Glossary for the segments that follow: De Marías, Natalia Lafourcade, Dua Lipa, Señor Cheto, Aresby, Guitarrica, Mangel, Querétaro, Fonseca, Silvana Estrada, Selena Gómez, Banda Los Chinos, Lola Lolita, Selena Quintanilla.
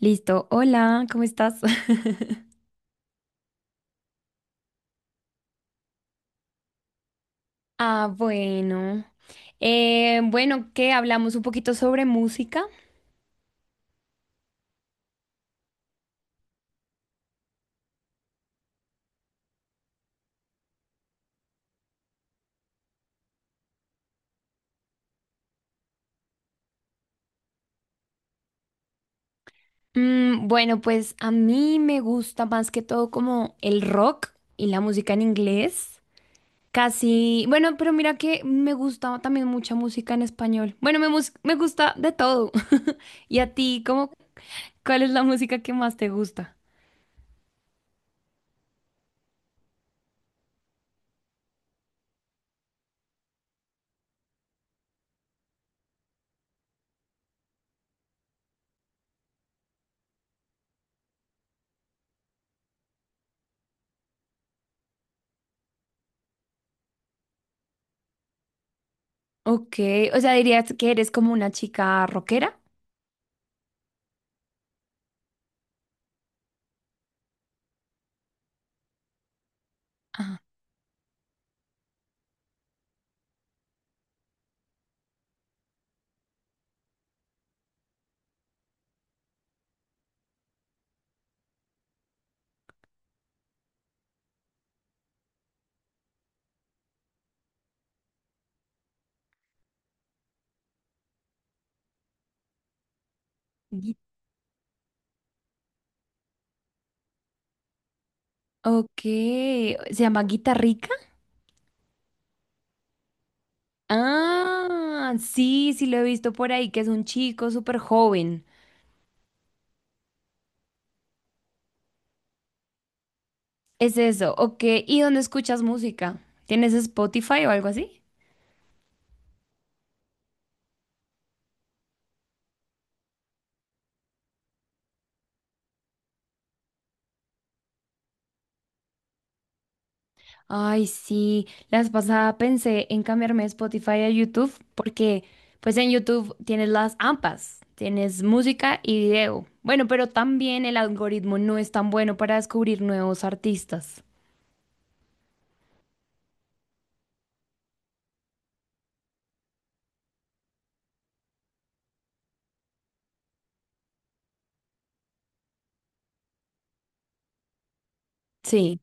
Listo. Hola, ¿cómo estás? Ah, bueno. Bueno, ¿Qué? Hablamos un poquito sobre música. Mm, bueno, pues a mí me gusta más que todo como el rock y la música en inglés. Casi, bueno, pero mira que me gusta también mucha música en español. Bueno, me gusta de todo. ¿Y a ti, cuál es la música que más te gusta? Ok, o sea, dirías que eres como una chica rockera. Ajá. Ok, ¿se llama Guitarrica? Ah, sí, sí lo he visto por ahí, que es un chico súper joven. Es eso, ok. ¿Y dónde escuchas música? ¿Tienes Spotify o algo así? Ay, sí, la vez pasada pensé en cambiarme de Spotify a YouTube porque pues en YouTube tienes las AMPAs, tienes música y video. Bueno, pero también el algoritmo no es tan bueno para descubrir nuevos artistas. Sí.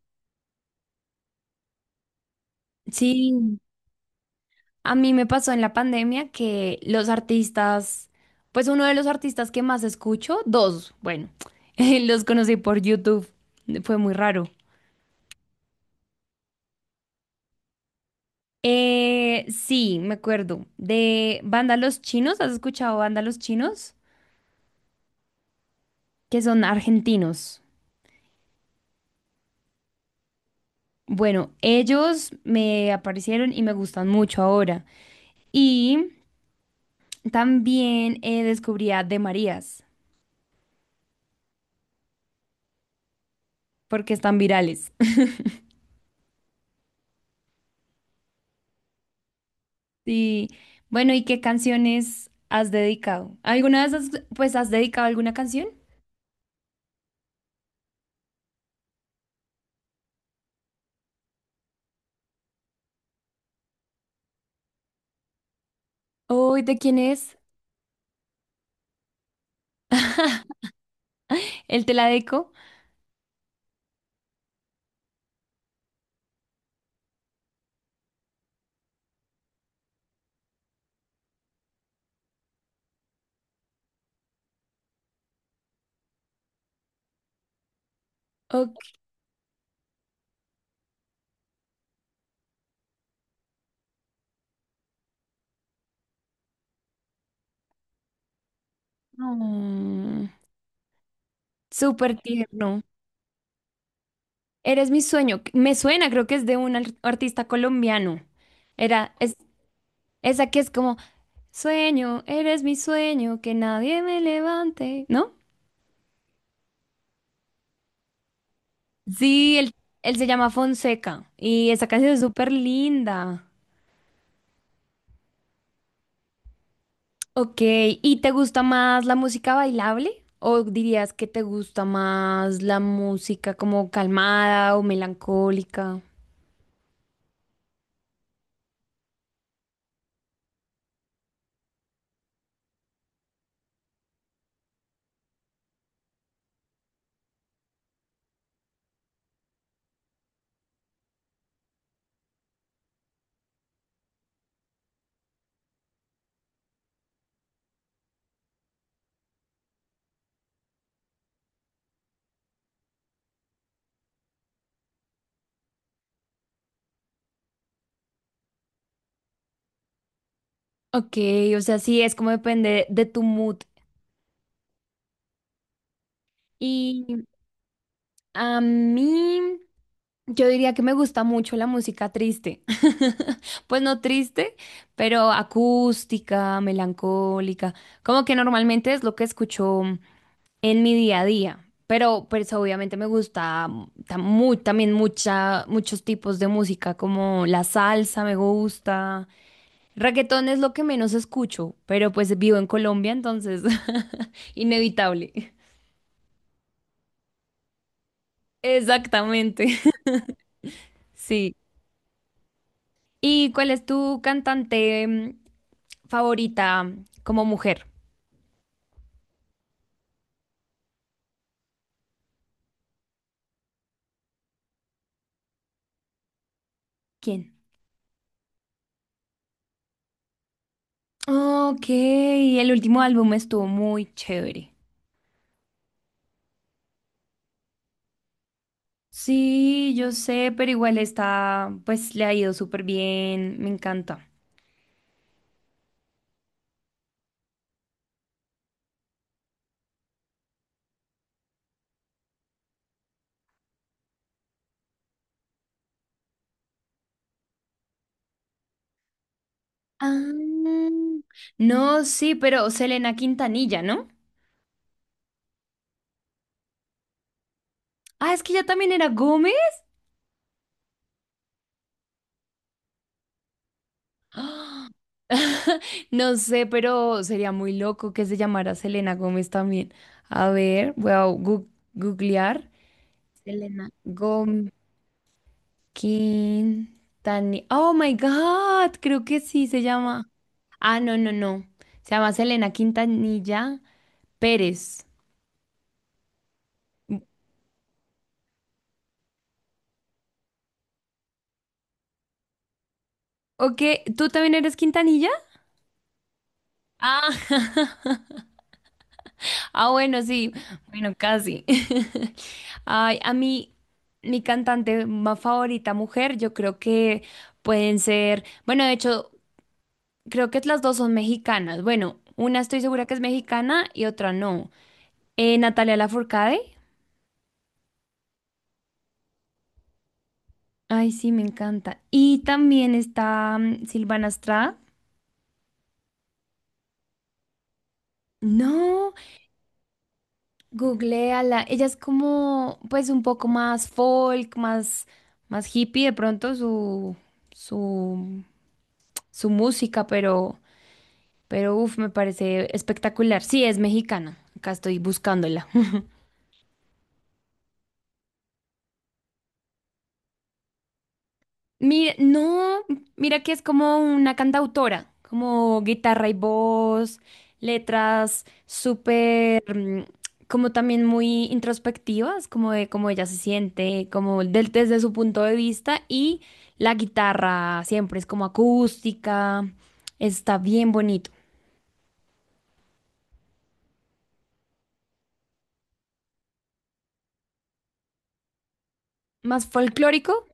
Sí. A mí me pasó en la pandemia que los artistas, pues uno de los artistas que más escucho, dos, bueno, los conocí por YouTube, fue muy raro. Sí, me acuerdo, de Banda Los Chinos, ¿has escuchado Banda Los Chinos? Que son argentinos. Bueno, ellos me aparecieron y me gustan mucho ahora. Y también descubrí a De Marías, porque están virales. Sí. Bueno, ¿y qué canciones has dedicado? ¿Alguna vez has, pues, has dedicado alguna canción? Uy, ¿de quién es? ¿El te la deco? Ok. Mm, súper tierno. Eres mi sueño. Me suena, creo que es de un artista colombiano. Es, esa que es como, sueño, eres mi sueño, que nadie me levante, ¿no? Sí, él se llama Fonseca y esa canción es súper linda. Ok, ¿y te gusta más la música bailable? ¿O dirías que te gusta más la música como calmada o melancólica? Ok, o sea, sí, es como depende de tu mood. Y a mí, yo diría que me gusta mucho la música triste. Pues no triste, pero acústica, melancólica. Como que normalmente es lo que escucho en mi día a día. Pero pues obviamente me gusta también muchos tipos de música, como la salsa me gusta. Reggaetón es lo que menos escucho, pero pues vivo en Colombia, entonces inevitable. Exactamente. Sí. ¿Y cuál es tu cantante favorita como mujer? ¿Quién? Ok, el último álbum estuvo muy chévere. Sí, yo sé, pero igual está, pues le ha ido súper bien, me encanta. Ah, no, sí, pero Selena Quintanilla, ¿no? Ah, es que ella también era Gómez. ¡Ah! No sé, pero sería muy loco que se llamara Selena Gómez también. A ver, googlear. Selena Gómez Quintanilla. Oh my God, creo que sí se llama. Ah, no, no, no. Se llama Selena Quintanilla. Pérez. Ok, ¿tú también eres Quintanilla? Ah, ah, bueno, sí, bueno, casi. Ay, a mí, mi cantante más favorita mujer, yo creo que pueden ser, bueno, de hecho, creo que las dos son mexicanas. Bueno, una estoy segura que es mexicana y otra no. Natalia Lafourcade. Ay, sí, me encanta. Y también está Silvana Estrada. No. Googleala. Ella es como, pues, un poco más folk, más, más hippie de pronto su, su música, pero uff, me parece espectacular. Sí, es mexicana. Acá estoy buscándola. Mira, no, mira que es como una cantautora, como guitarra y voz, letras súper, como también muy introspectivas, como de cómo ella se siente, como desde su punto de vista y la guitarra siempre es como acústica, está bien bonito. Más folclórico,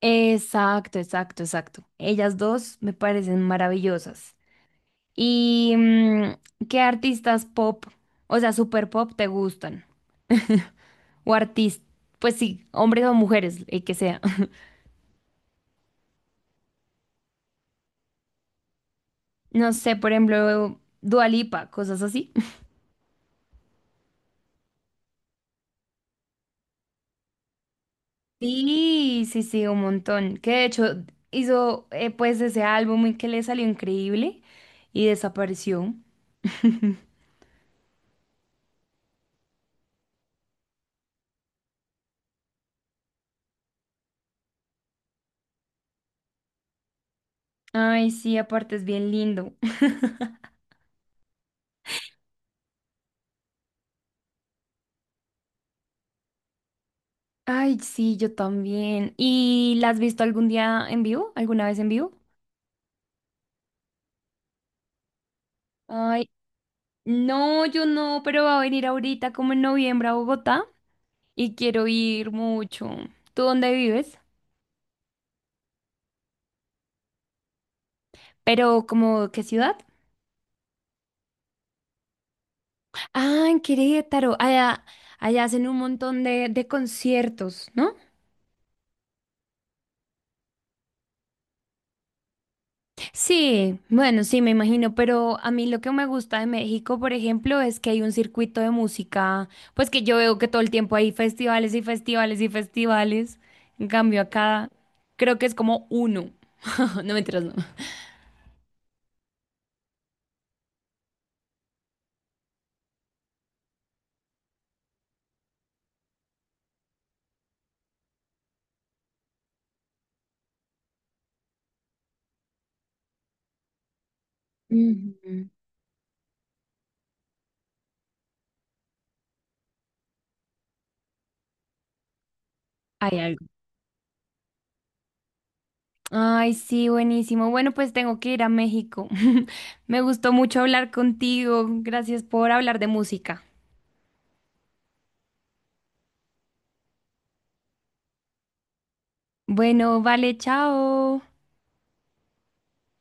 exacto, exacto, exacto. Ellas dos me parecen maravillosas. ¿Y qué artistas pop, o sea, super pop, te gustan? O artistas, pues sí, hombres o mujeres, el que sea. No sé, por ejemplo, Dua Lipa, cosas así. Sí, sí, sí, un montón. Que de hecho hizo pues ese álbum y que le salió increíble y desapareció. Ay, sí, aparte es bien lindo. Ay, sí, yo también. ¿Y la has visto algún día en vivo? ¿Alguna vez en vivo? Ay, no, yo no, pero va a venir ahorita como en noviembre a Bogotá y quiero ir mucho. ¿Tú dónde vives? Pero como, ¿qué ciudad? Ah, en Querétaro. Allá, allá hacen un montón de conciertos, ¿no? Sí, bueno, sí, me imagino, pero a mí lo que me gusta de México, por ejemplo, es que hay un circuito de música, pues que yo veo que todo el tiempo hay festivales y festivales y festivales. En cambio, acá creo que es como uno. No, mentiras, no. Ujú. Hay algo. Ay, sí, buenísimo. Bueno, pues tengo que ir a México. Me gustó mucho hablar contigo. Gracias por hablar de música. Bueno, vale, chao.